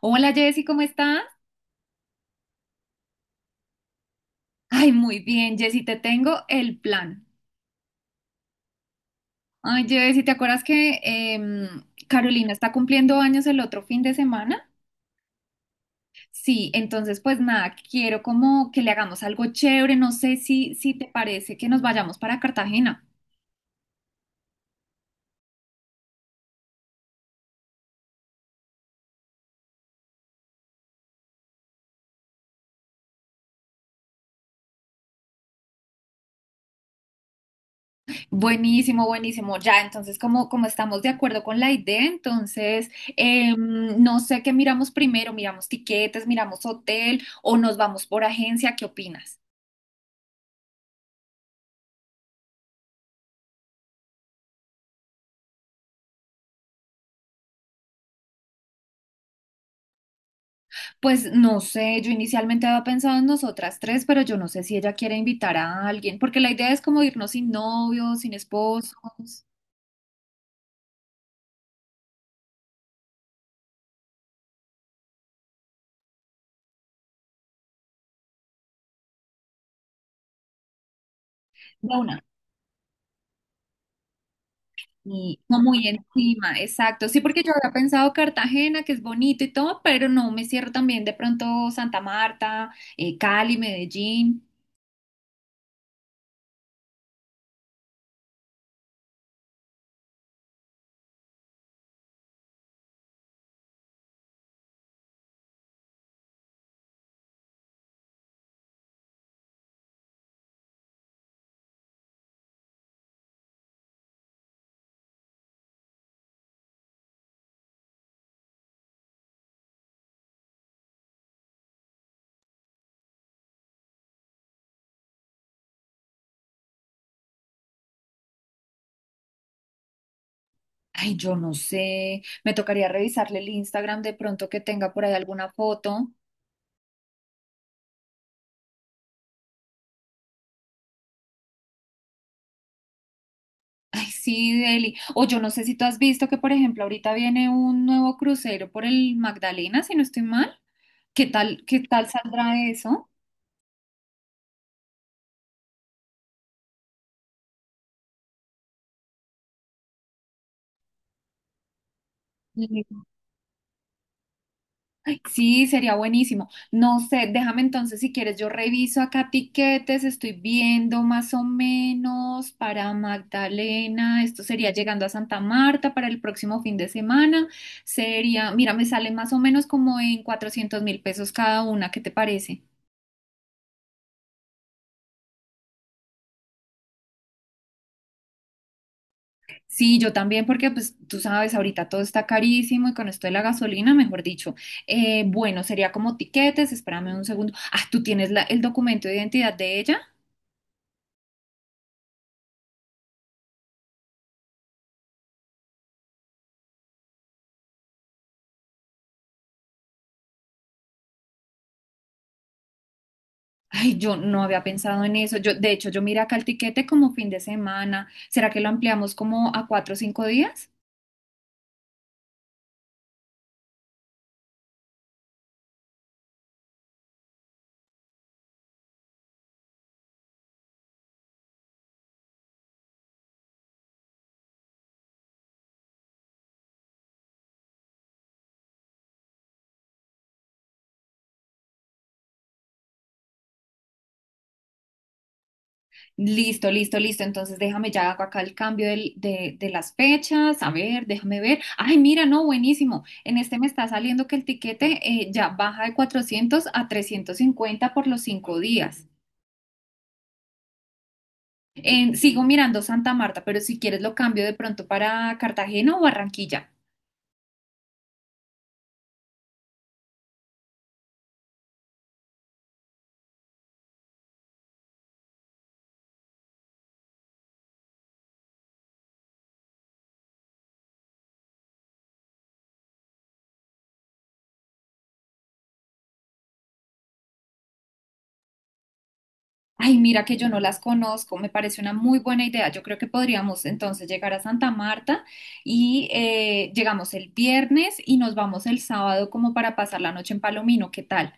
Hola Jessy, ¿cómo estás? Ay, muy bien, Jessy, te tengo el plan. Ay, Jessy, ¿te acuerdas que Carolina está cumpliendo años el otro fin de semana? Sí, entonces pues nada, quiero como que le hagamos algo chévere, no sé si te parece que nos vayamos para Cartagena. Buenísimo, buenísimo, ya, entonces como estamos de acuerdo con la idea, entonces no sé qué miramos primero, miramos tiquetes, miramos hotel o nos vamos por agencia, ¿qué opinas? Pues no sé, yo inicialmente había pensado en nosotras tres, pero yo no sé si ella quiere invitar a alguien, porque la idea es como irnos sin novios, sin esposos, de una, y no muy encima, exacto. Sí, porque yo había pensado Cartagena, que es bonito y todo, pero no me cierro también de pronto Santa Marta, Cali, Medellín. Ay, yo no sé, me tocaría revisarle el Instagram de pronto que tenga por ahí alguna foto. Ay, sí, Eli. O yo no sé si tú has visto que, por ejemplo, ahorita viene un nuevo crucero por el Magdalena, si no estoy mal. Qué tal saldrá eso? Y- ay, sí, sería buenísimo. No sé, déjame entonces si quieres, yo reviso acá tiquetes, estoy viendo más o menos para Magdalena, esto sería llegando a Santa Marta para el próximo fin de semana, sería, mira, me sale más o menos como en 400 mil pesos cada una, ¿qué te parece? Sí, yo también, porque pues tú sabes, ahorita todo está carísimo y con esto de la gasolina, mejor dicho, bueno, sería como tiquetes, espérame un segundo. Ah, ¿tú tienes el documento de identidad de ella? Ay, yo no había pensado en eso. Yo, de hecho, yo miré acá el tiquete como fin de semana. ¿Será que lo ampliamos como a 4 o 5 días? Listo, listo, listo. Entonces déjame ya hago acá el cambio de las fechas. A ver, déjame ver. Ay, mira, no, buenísimo. En este me está saliendo que el tiquete ya baja de 400 a 350 por los 5 días. Sigo mirando Santa Marta, pero si quieres lo cambio de pronto para Cartagena o Barranquilla. Ay, mira que yo no las conozco. Me parece una muy buena idea. Yo creo que podríamos entonces llegar a Santa Marta y llegamos el viernes y nos vamos el sábado como para pasar la noche en Palomino. ¿Qué tal?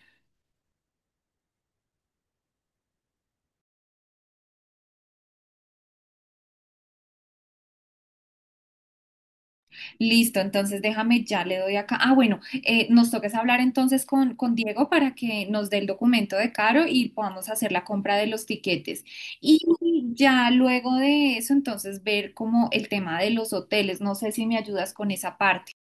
Listo, entonces déjame, ya le doy acá. Ah, bueno, nos toques hablar entonces con Diego para que nos dé el documento de Caro y podamos hacer la compra de los tiquetes. Y ya luego de eso, entonces ver como el tema de los hoteles. No sé si me ayudas con esa parte.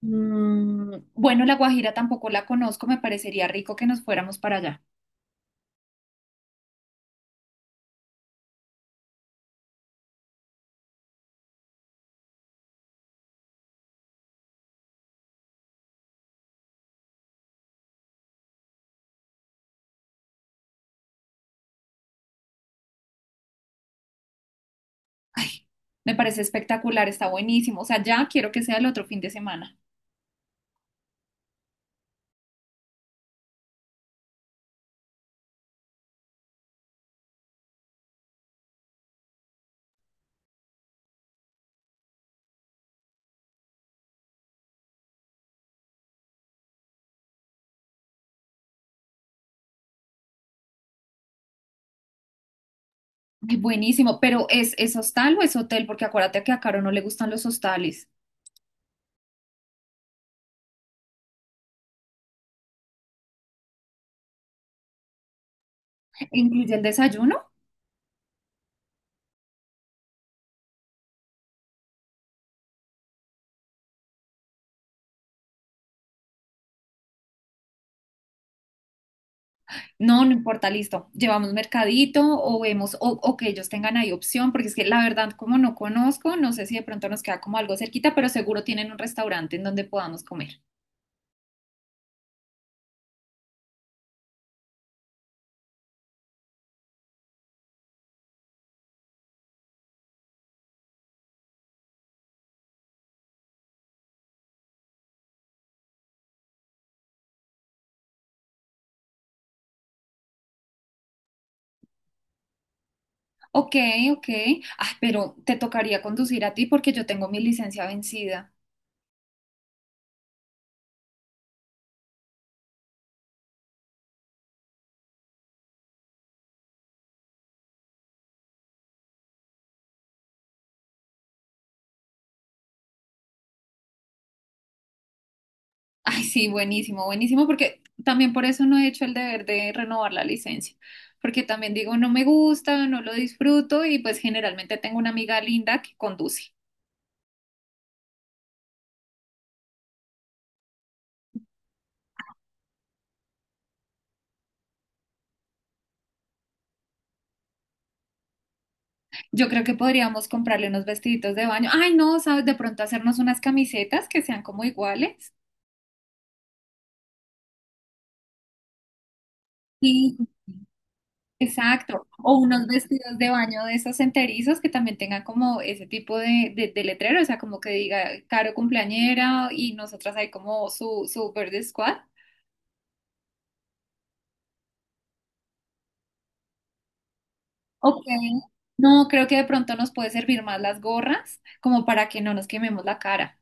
Bueno, La Guajira tampoco la conozco, me parecería rico que nos fuéramos para allá. Me parece espectacular, está buenísimo. O sea, ya quiero que sea el otro fin de semana. Ay, buenísimo, pero ¿es hostal o es hotel? Porque acuérdate que a Caro no le gustan los hostales. Incluye el desayuno. No, no importa, listo. Llevamos mercadito o vemos o que ellos tengan ahí opción, porque es que la verdad, como no conozco, no sé si de pronto nos queda como algo cerquita, pero seguro tienen un restaurante en donde podamos comer. Ok, ok. Ah, pero te tocaría conducir a ti porque yo tengo mi licencia vencida. Ay, sí, buenísimo, buenísimo, porque también por eso no he hecho el deber de renovar la licencia, porque también digo, no me gusta, no lo disfruto y pues generalmente tengo una amiga linda que conduce. Yo creo que podríamos comprarle unos vestiditos de baño. Ay, no, sabes, de pronto hacernos unas camisetas que sean como iguales. Sí, exacto. O unos vestidos de baño de esos enterizos que también tengan como ese tipo de letrero, o sea, como que diga Caro cumpleañera y nosotras ahí como su verde squad. Ok. No, creo que de pronto nos puede servir más las gorras, como para que no nos quememos la cara.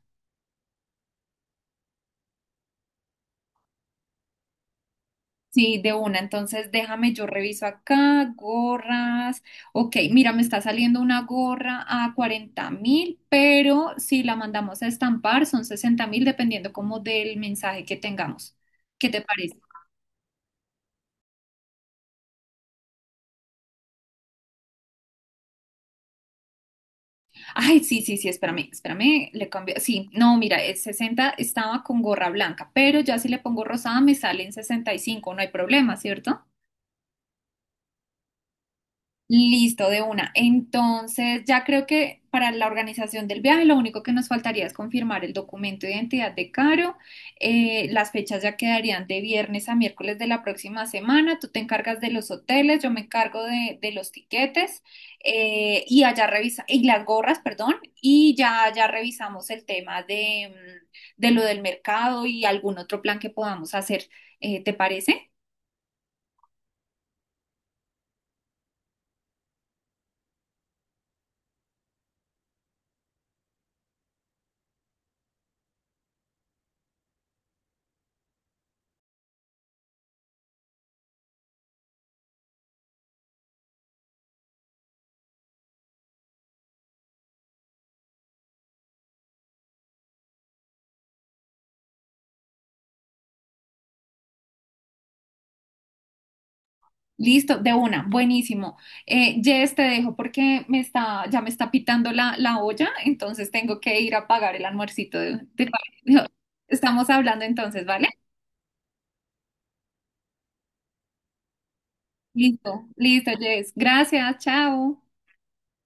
Sí, de una. Entonces, déjame, yo reviso acá, gorras. Ok, mira, me está saliendo una gorra a 40.000, pero si la mandamos a estampar son 60.000, dependiendo como del mensaje que tengamos. ¿Qué te parece? Ay, sí, sí, sí, espérame, espérame, le cambio. Sí, no, mira, el sesenta, estaba con gorra blanca, pero ya si le pongo rosada me salen 65. No hay problema, ¿cierto? Listo, de una. Entonces, ya creo que para la organización del viaje lo único que nos faltaría es confirmar el documento de identidad de Caro. Las fechas ya quedarían de viernes a miércoles de la próxima semana. Tú te encargas de los hoteles, yo me encargo de los tiquetes y allá revisa y las gorras, perdón, y ya revisamos el tema de lo del mercado y algún otro plan que podamos hacer. ¿Te parece? Listo, de una, buenísimo. Jess, te dejo porque ya me está pitando la olla, entonces tengo que ir a pagar el almuercito. Estamos hablando entonces, ¿vale? Listo, listo, Jess. Gracias, chao.